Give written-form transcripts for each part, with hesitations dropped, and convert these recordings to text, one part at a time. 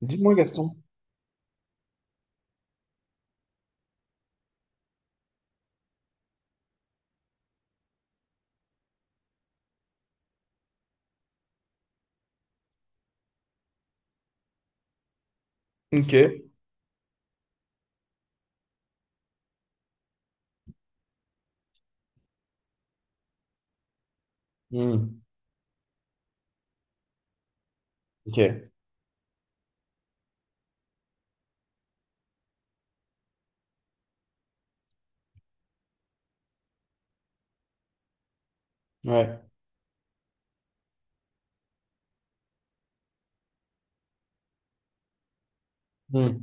Dis-moi, Gaston. Hmm, ok, ouais. Hmm.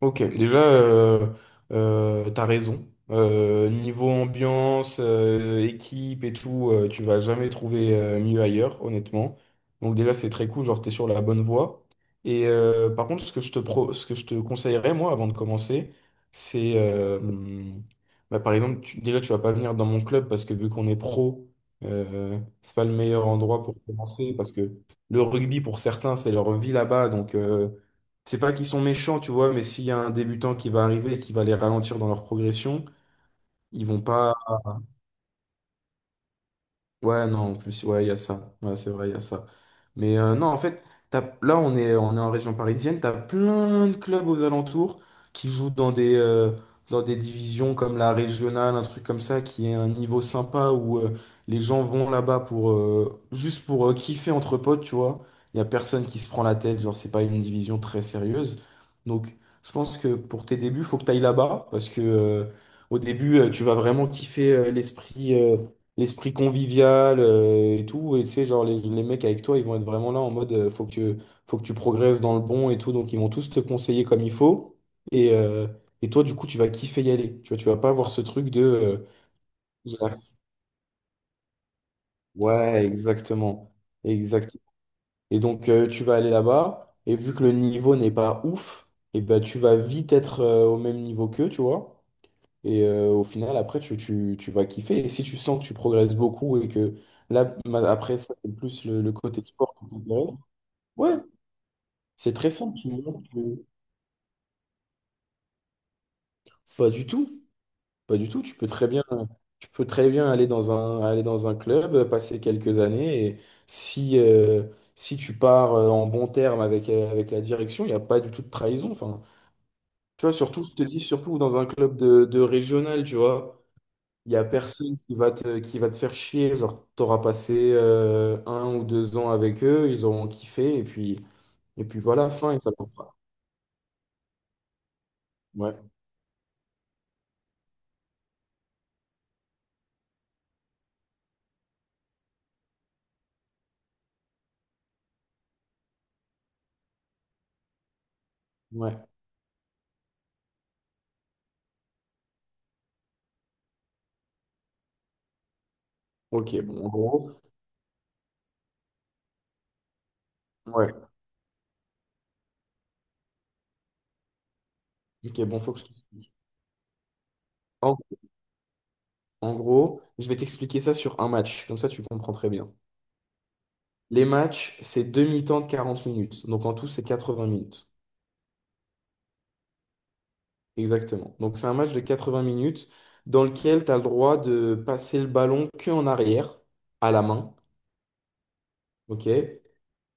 Ok, déjà, t'as raison. Niveau ambiance, équipe et tout, tu vas jamais trouver mieux ailleurs, honnêtement. Donc déjà, c'est très cool, genre t'es sur la bonne voie. Et par contre, ce que je te conseillerais, moi, avant de commencer, c'est, bah, par exemple, déjà, tu vas pas venir dans mon club parce que vu qu'on est pro, c'est pas le meilleur endroit pour commencer parce que le rugby, pour certains, c'est leur vie là-bas, donc... c'est pas qu'ils sont méchants, tu vois, mais s'il y a un débutant qui va arriver et qui va les ralentir dans leur progression, ils vont pas. Ouais, non, en plus, ouais, il y a ça. Ouais, c'est vrai, il y a ça. Mais non, en fait, là, on est en région parisienne, t'as plein de clubs aux alentours qui jouent dans des divisions comme la régionale, un truc comme ça, qui est un niveau sympa où les gens vont là-bas pour juste pour kiffer entre potes, tu vois. Il y a personne qui se prend la tête, genre, c'est pas une division très sérieuse. Donc, je pense que pour tes débuts, faut que t'ailles là-bas parce que au début, tu vas vraiment kiffer l'esprit. L'esprit convivial et tout. Et tu sais, genre, les mecs avec toi, ils vont être vraiment là en mode faut que tu progresses dans le bon et tout. Donc, ils vont tous te conseiller comme il faut. Et, euh, et toi, du coup, tu vas kiffer y aller. Tu vois, tu vas pas avoir ce truc de. J'ai la- ouais, exactement. Exact. Et donc, tu vas aller là-bas. Et vu que le niveau n'est pas ouf, et ben, tu vas vite être au même niveau qu'eux, tu vois. Et au final, après, tu vas kiffer. Et si tu sens que tu progresses beaucoup et que là, après, ça, c'est plus le côté sport qui t'intéresse. Ouais, c'est très simple. Tu me montres que- Pas du tout. Pas du tout. Tu peux très bien, tu peux très bien aller dans un club, passer quelques années. Et si, si tu pars en bon terme avec, avec la direction, il n'y a pas du tout de trahison. Enfin, tu vois, surtout, je te dis, surtout dans un club de régional, tu vois. Il y a personne qui va te faire chier. Genre, t'auras passé un ou deux ans avec eux, ils auront kiffé, et puis voilà, fin, et ça leur fera. Ouais, ouais. Ok, bon, en gros, ouais. Ok, bon, faut que je t'explique. En, en gros, je vais t'expliquer ça sur un match, comme ça tu comprends très bien. Les matchs, c'est demi-temps de 40 minutes. Donc en tout, c'est 80 minutes. Exactement. Donc c'est un match de 80 minutes dans lequel tu as le droit de passer le ballon que en arrière, à la main. OK?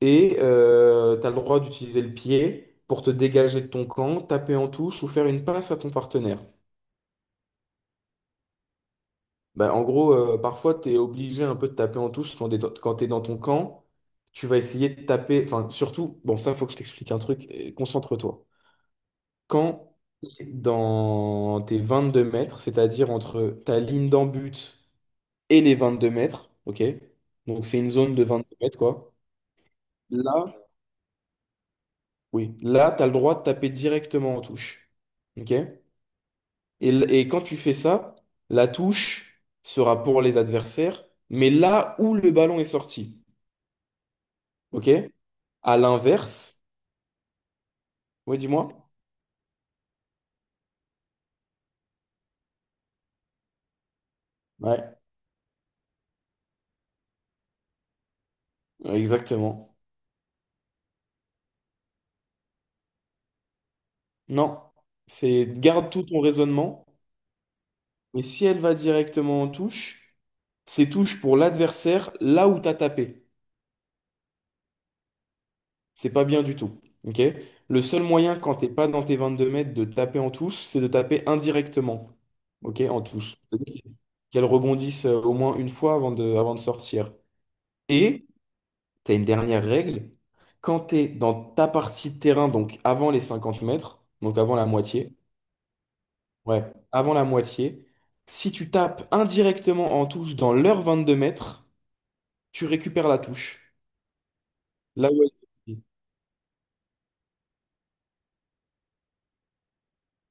Et tu as le droit d'utiliser le pied pour te dégager de ton camp, taper en touche ou faire une passe à ton partenaire. Bah, en gros, parfois, tu es obligé un peu de taper en touche quand tu es dans ton camp. Tu vas essayer de taper, enfin, surtout, bon, ça, faut que je t'explique un truc, concentre-toi. Quand dans tes 22 mètres, c'est-à-dire entre ta ligne d'en-but et les 22 mètres, ok? Donc, c'est une zone de 22 mètres, quoi. Là, oui, là, tu as le droit de taper directement en touche, ok? Et, et quand tu fais ça, la touche sera pour les adversaires, mais là où le ballon est sorti. OK? À l'inverse, ouais, dis-moi. Ouais, exactement. Non, c'est garde tout ton raisonnement, mais si elle va directement en touche, c'est touche pour l'adversaire là où t'as tapé. C'est pas bien du tout. OK? Le seul moyen quand t'es pas dans tes 22 mètres de taper en touche, c'est de taper indirectement. OK? En touche. Qu'elle rebondisse au moins une fois avant de sortir. Et tu as une dernière règle, quand tu es dans ta partie de terrain, donc avant les 50 mètres, donc avant la moitié, ouais, avant la moitié, si tu tapes indirectement en touche dans l'heure 22 mètres, tu récupères la touche. Là où elle est.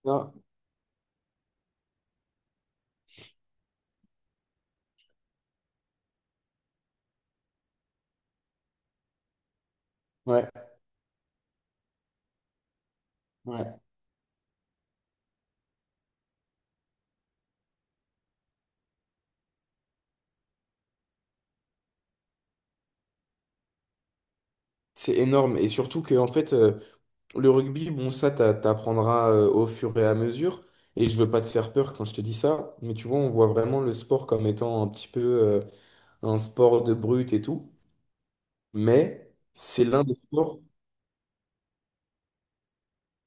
Là, ouais, ouais. C'est énorme. Et surtout que, en fait, le rugby, bon, ça, t'apprendras au fur et à mesure. Et je veux pas te faire peur quand je te dis ça, mais tu vois, on voit vraiment le sport comme étant un petit peu un sport de brute et tout. Mais c'est l'un des sports.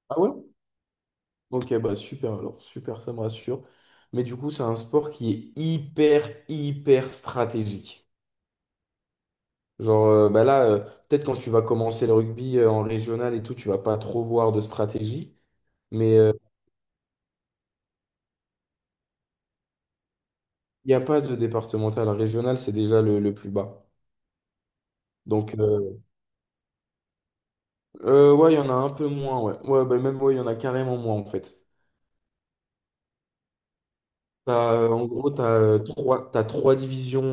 Ah ouais? Ok, bah super, alors super, ça me rassure. Mais du coup, c'est un sport qui est hyper, hyper stratégique. Genre, bah là, peut-être quand tu vas commencer le rugby en régional et tout, tu vas pas trop voir de stratégie. Mais il n'y a pas de départemental. Régional, c'est déjà le plus bas. Donc, ouais, il y en a un peu moins, ouais. Ouais, bah, même, ouais, il y en a carrément moins, en fait. T'as, en gros, t'as trois divisions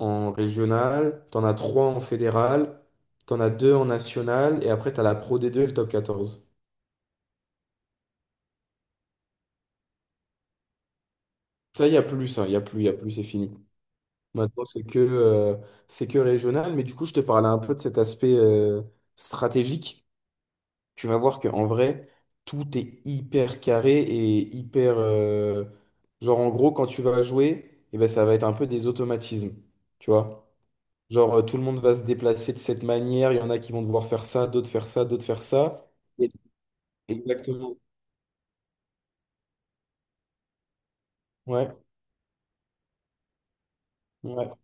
en, en régional, tu en as trois en fédéral, tu en as deux en national, et après, tu as la Pro d deux et le top 14. Ça, il y a plus, ça, il y a plus, il y a plus, c'est fini. Maintenant, c'est que régional, mais du coup, je te parlais un peu de cet aspect stratégique. Tu vas voir qu'en vrai, tout est hyper carré et hyper... genre, en gros, quand tu vas jouer, eh ben, ça va être un peu des automatismes, tu vois. Genre, tout le monde va se déplacer de cette manière, il y en a qui vont devoir faire ça, d'autres faire ça, d'autres faire ça. Et- exactement. Ouais, ouais.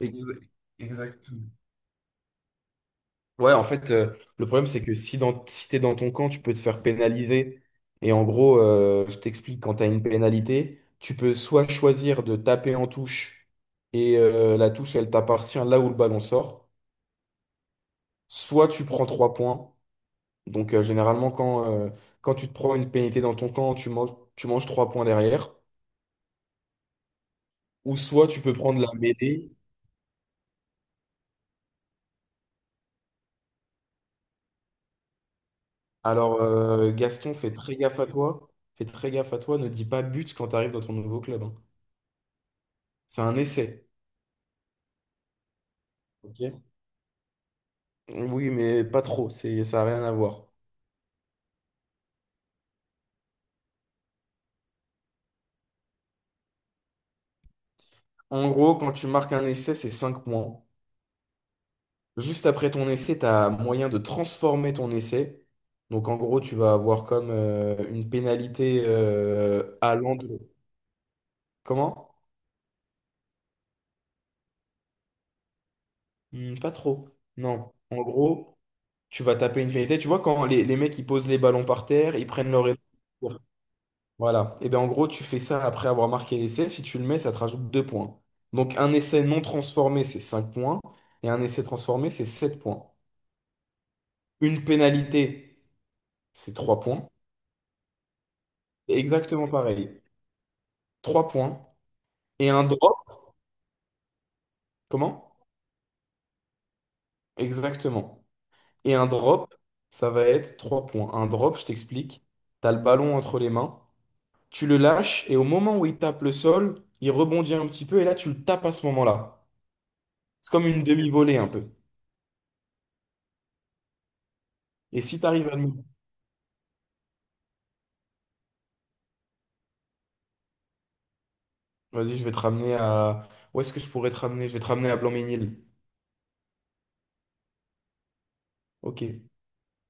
Ex- exactement. Ouais, en fait, le problème, c'est que si, dans, si t'es dans ton camp, tu peux te faire pénaliser. Et en gros, je t'explique, quand t'as une pénalité, tu peux soit choisir de taper en touche et la touche, elle t'appartient là où le ballon sort, soit tu prends 3 points. Donc, généralement, quand, quand tu te prends une pénalité dans ton camp, tu manges 3 points derrière. Ou soit tu peux prendre la mêlée. Alors, Gaston, fais très gaffe à toi. Fais très gaffe à toi. Ne dis pas but quand t'arrives dans ton nouveau club. Hein. C'est un essai. Ok. Oui, mais pas trop, c'est, ça n'a rien à voir. En gros, quand tu marques un essai, c'est 5 points. Juste après ton essai, tu as moyen de transformer ton essai. Donc en gros, tu vas avoir comme une pénalité allant de... Comment? Hmm, pas trop. Non. En gros, tu vas taper une pénalité. Tu vois, quand les mecs, ils posent les ballons par terre, ils prennent leur... Voilà. Et bien en gros, tu fais ça après avoir marqué l'essai. Si tu le mets, ça te rajoute 2 points. Donc un essai non transformé, c'est 5 points. Et un essai transformé, c'est 7 points. Une pénalité, c'est 3 points. Exactement pareil. 3 points. Et un drop, comment? Exactement. Et un drop, ça va être 3 points. Un drop, je t'explique. T'as le ballon entre les mains. Tu le lâches et au moment où il tape le sol, il rebondit un petit peu et là, tu le tapes à ce moment-là. C'est comme une demi-volée un peu. Et si tu arrives à le... Vas-y, je vais te ramener à... Où est-ce que je pourrais te ramener? Je vais te ramener à Blanc-Ménil. Ok.